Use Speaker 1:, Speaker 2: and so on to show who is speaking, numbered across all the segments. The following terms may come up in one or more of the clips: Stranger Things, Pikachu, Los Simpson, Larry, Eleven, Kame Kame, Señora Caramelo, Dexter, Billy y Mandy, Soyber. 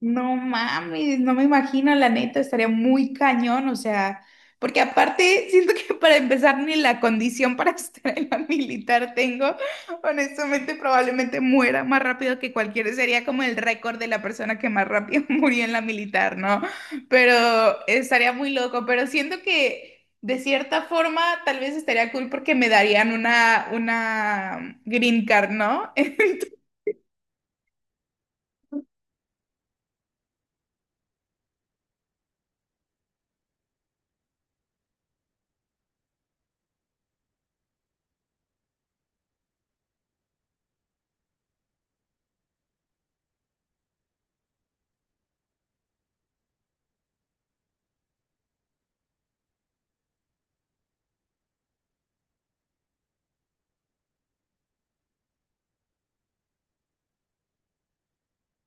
Speaker 1: No mames, no me imagino, la neta, estaría muy cañón, o sea, porque aparte siento que para empezar ni la condición para estar en la militar tengo, honestamente probablemente muera más rápido que cualquiera, sería como el récord de la persona que más rápido murió en la militar, ¿no? Pero estaría muy loco, pero siento que de cierta forma tal vez estaría cool porque me darían una green card, ¿no?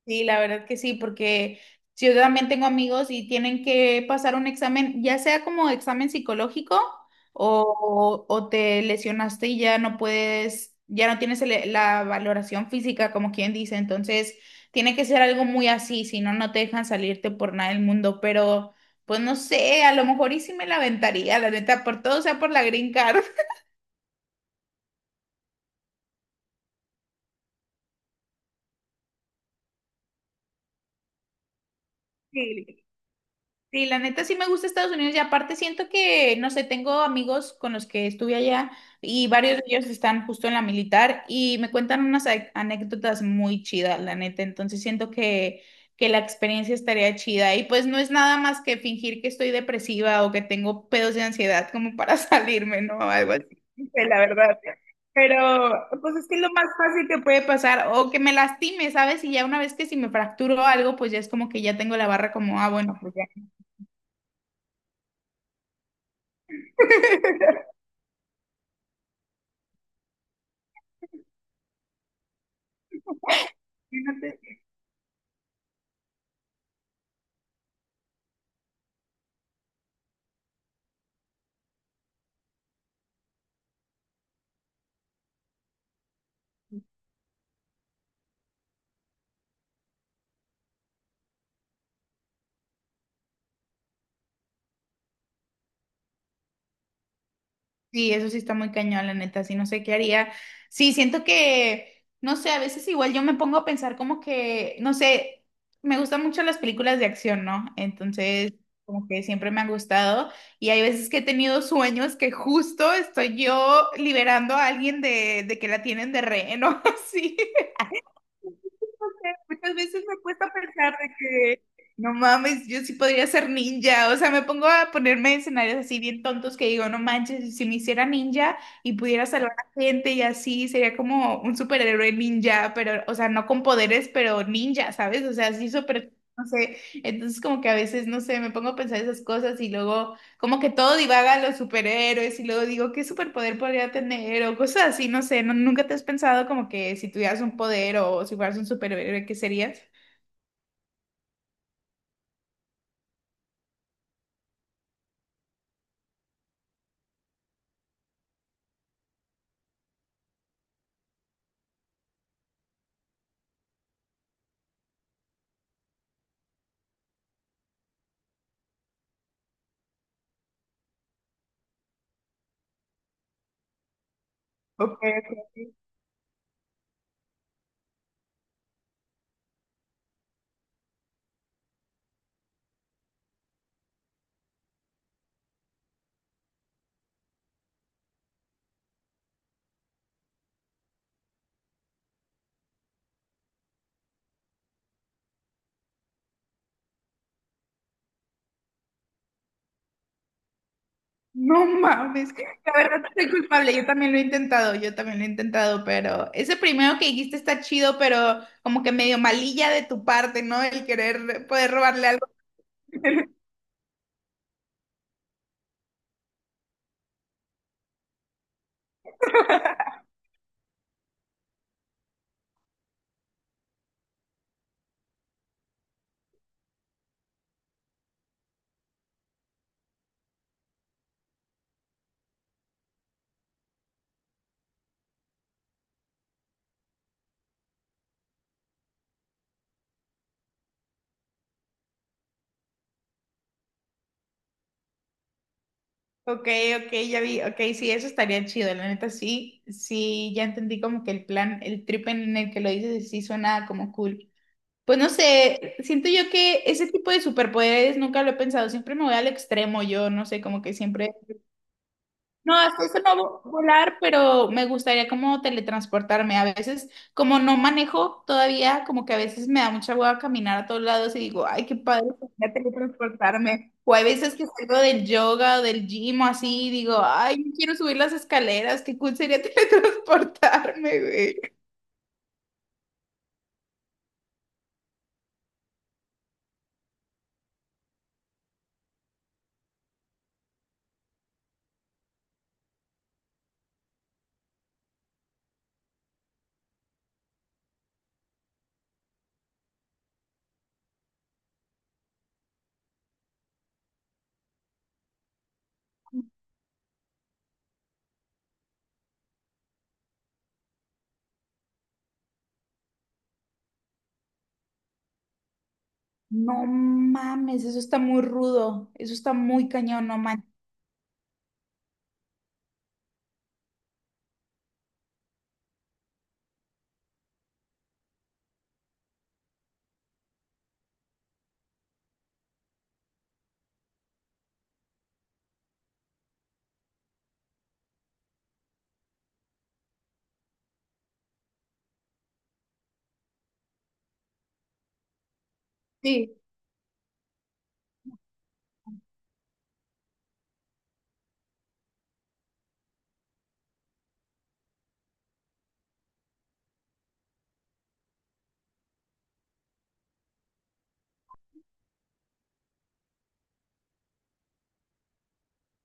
Speaker 1: Sí, la verdad que sí, porque si yo también tengo amigos y tienen que pasar un examen, ya sea como examen psicológico o te lesionaste y ya no puedes, ya no tienes la valoración física, como quien dice, entonces tiene que ser algo muy así, si no, no te dejan salirte por nada del mundo, pero pues no sé, a lo mejor y sí me la aventaría, la neta, por todo, o sea, por la green card. Sí. Sí, la neta sí me gusta Estados Unidos y aparte siento que, no sé, tengo amigos con los que estuve allá y varios de ellos están justo en la militar y me cuentan unas anécdotas muy chidas, la neta. Entonces siento que la experiencia estaría chida y pues no es nada más que fingir que estoy depresiva o que tengo pedos de ansiedad como para salirme, ¿no? Algo así, la verdad. Pero pues es que es lo más fácil que puede pasar o que me lastime, ¿sabes? Y ya una vez que si me fracturo algo, pues ya es como que ya tengo la barra como, ah, bueno, pues imagínate. Sí, eso sí está muy cañón, la neta, sí, no sé qué haría. Sí, siento que, no sé, a veces igual yo me pongo a pensar como que, no sé, me gustan mucho las películas de acción, ¿no? Entonces, como que siempre me han gustado y hay veces que he tenido sueños que justo estoy yo liberando a alguien de que la tienen de rehén o así. Muchas veces me he puesto a pensar de que no mames, yo sí podría ser ninja. O sea, me pongo a ponerme escenarios así bien tontos que digo, no manches, si me hiciera ninja y pudiera salvar a gente y así, sería como un superhéroe ninja, pero, o sea, no con poderes, pero ninja, ¿sabes? O sea, así súper, no sé. Entonces, como que a veces, no sé, me pongo a pensar esas cosas y luego. Como que todo divaga a los superhéroes y luego digo, ¿qué superpoder podría tener? O cosas así, no sé, ¿nunca te has pensado como que si tuvieras un poder o si fueras un superhéroe, ¿qué serías? Ok. No mames, la verdad no soy culpable, yo también lo he intentado, yo también lo he intentado, pero ese primero que dijiste está chido, pero como que medio malilla de tu parte, ¿no? El querer poder robarle algo. Ok, ok, ya vi, ok, sí, eso estaría chido, la neta sí, sí, ya entendí como que el plan, el trip en el que lo dices sí suena como cool. Pues no sé, siento yo que ese tipo de superpoderes nunca lo he pensado, siempre me voy al extremo, yo no sé, como que siempre... No, hasta eso no volar, pero me gustaría como teletransportarme. A veces, como no manejo todavía, como que a veces me da mucha hueva caminar a todos lados y digo, ay, qué padre sería teletransportarme. O hay veces que salgo del yoga o del gym o así y digo, ay, no quiero subir las escaleras, qué cool sería teletransportarme, güey. No mames, eso está muy rudo, eso está muy cañón, no manches.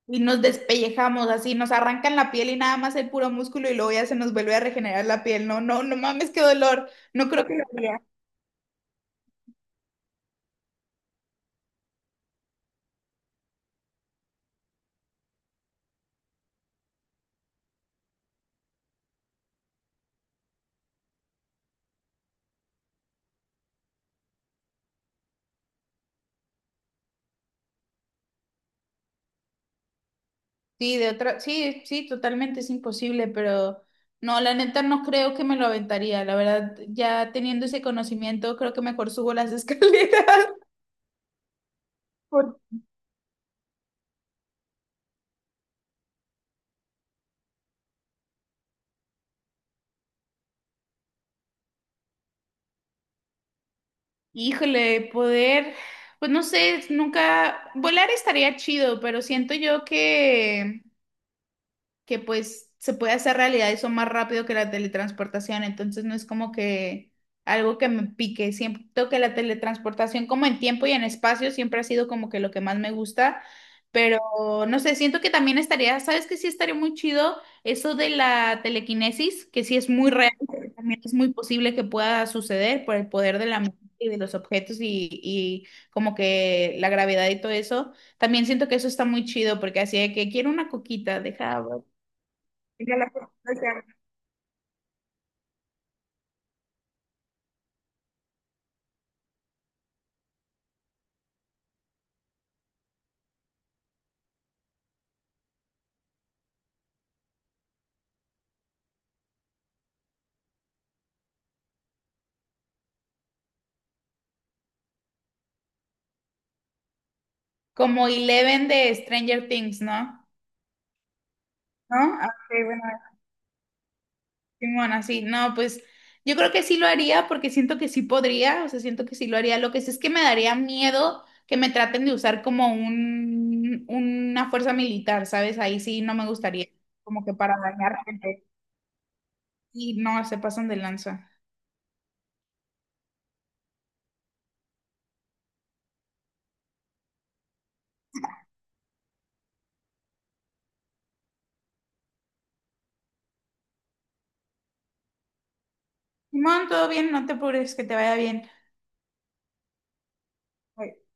Speaker 1: Y nos despellejamos así, nos arrancan la piel y nada más el puro músculo y luego ya se nos vuelve a regenerar la piel. No, no, no mames, qué dolor. No creo que lo haría. Sí, de otra, sí, sí, totalmente es imposible, pero no, la neta no creo que me lo aventaría. La verdad, ya teniendo ese conocimiento, creo que mejor subo las escaleras. Por- híjole, poder, pues no sé, nunca, volar estaría chido, pero siento yo que pues se puede hacer realidad eso más rápido que la teletransportación, entonces no es como que algo que me pique, siento que la teletransportación como en tiempo y en espacio siempre ha sido como que lo que más me gusta, pero no sé, siento que también estaría, ¿sabes que sí estaría muy chido eso de la telequinesis, que sí es muy real, pero también es muy posible que pueda suceder por el poder de la mente y de los objetos y como que la gravedad y todo eso. También siento que eso está muy chido porque así de que quiero una coquita, deja, mira la propuesta, como Eleven de Stranger Things, ¿no? ¿No? Ah, ok, bueno, simón, así. No, pues yo creo que sí lo haría porque siento que sí podría, o sea, siento que sí lo haría. Lo que sí es que me daría miedo que me traten de usar como una fuerza militar, ¿sabes? Ahí sí no me gustaría, como que para dañar gente. Y no, se pasan de lanza. Simón, todo bien, no te apures, que te vaya bien. Ok.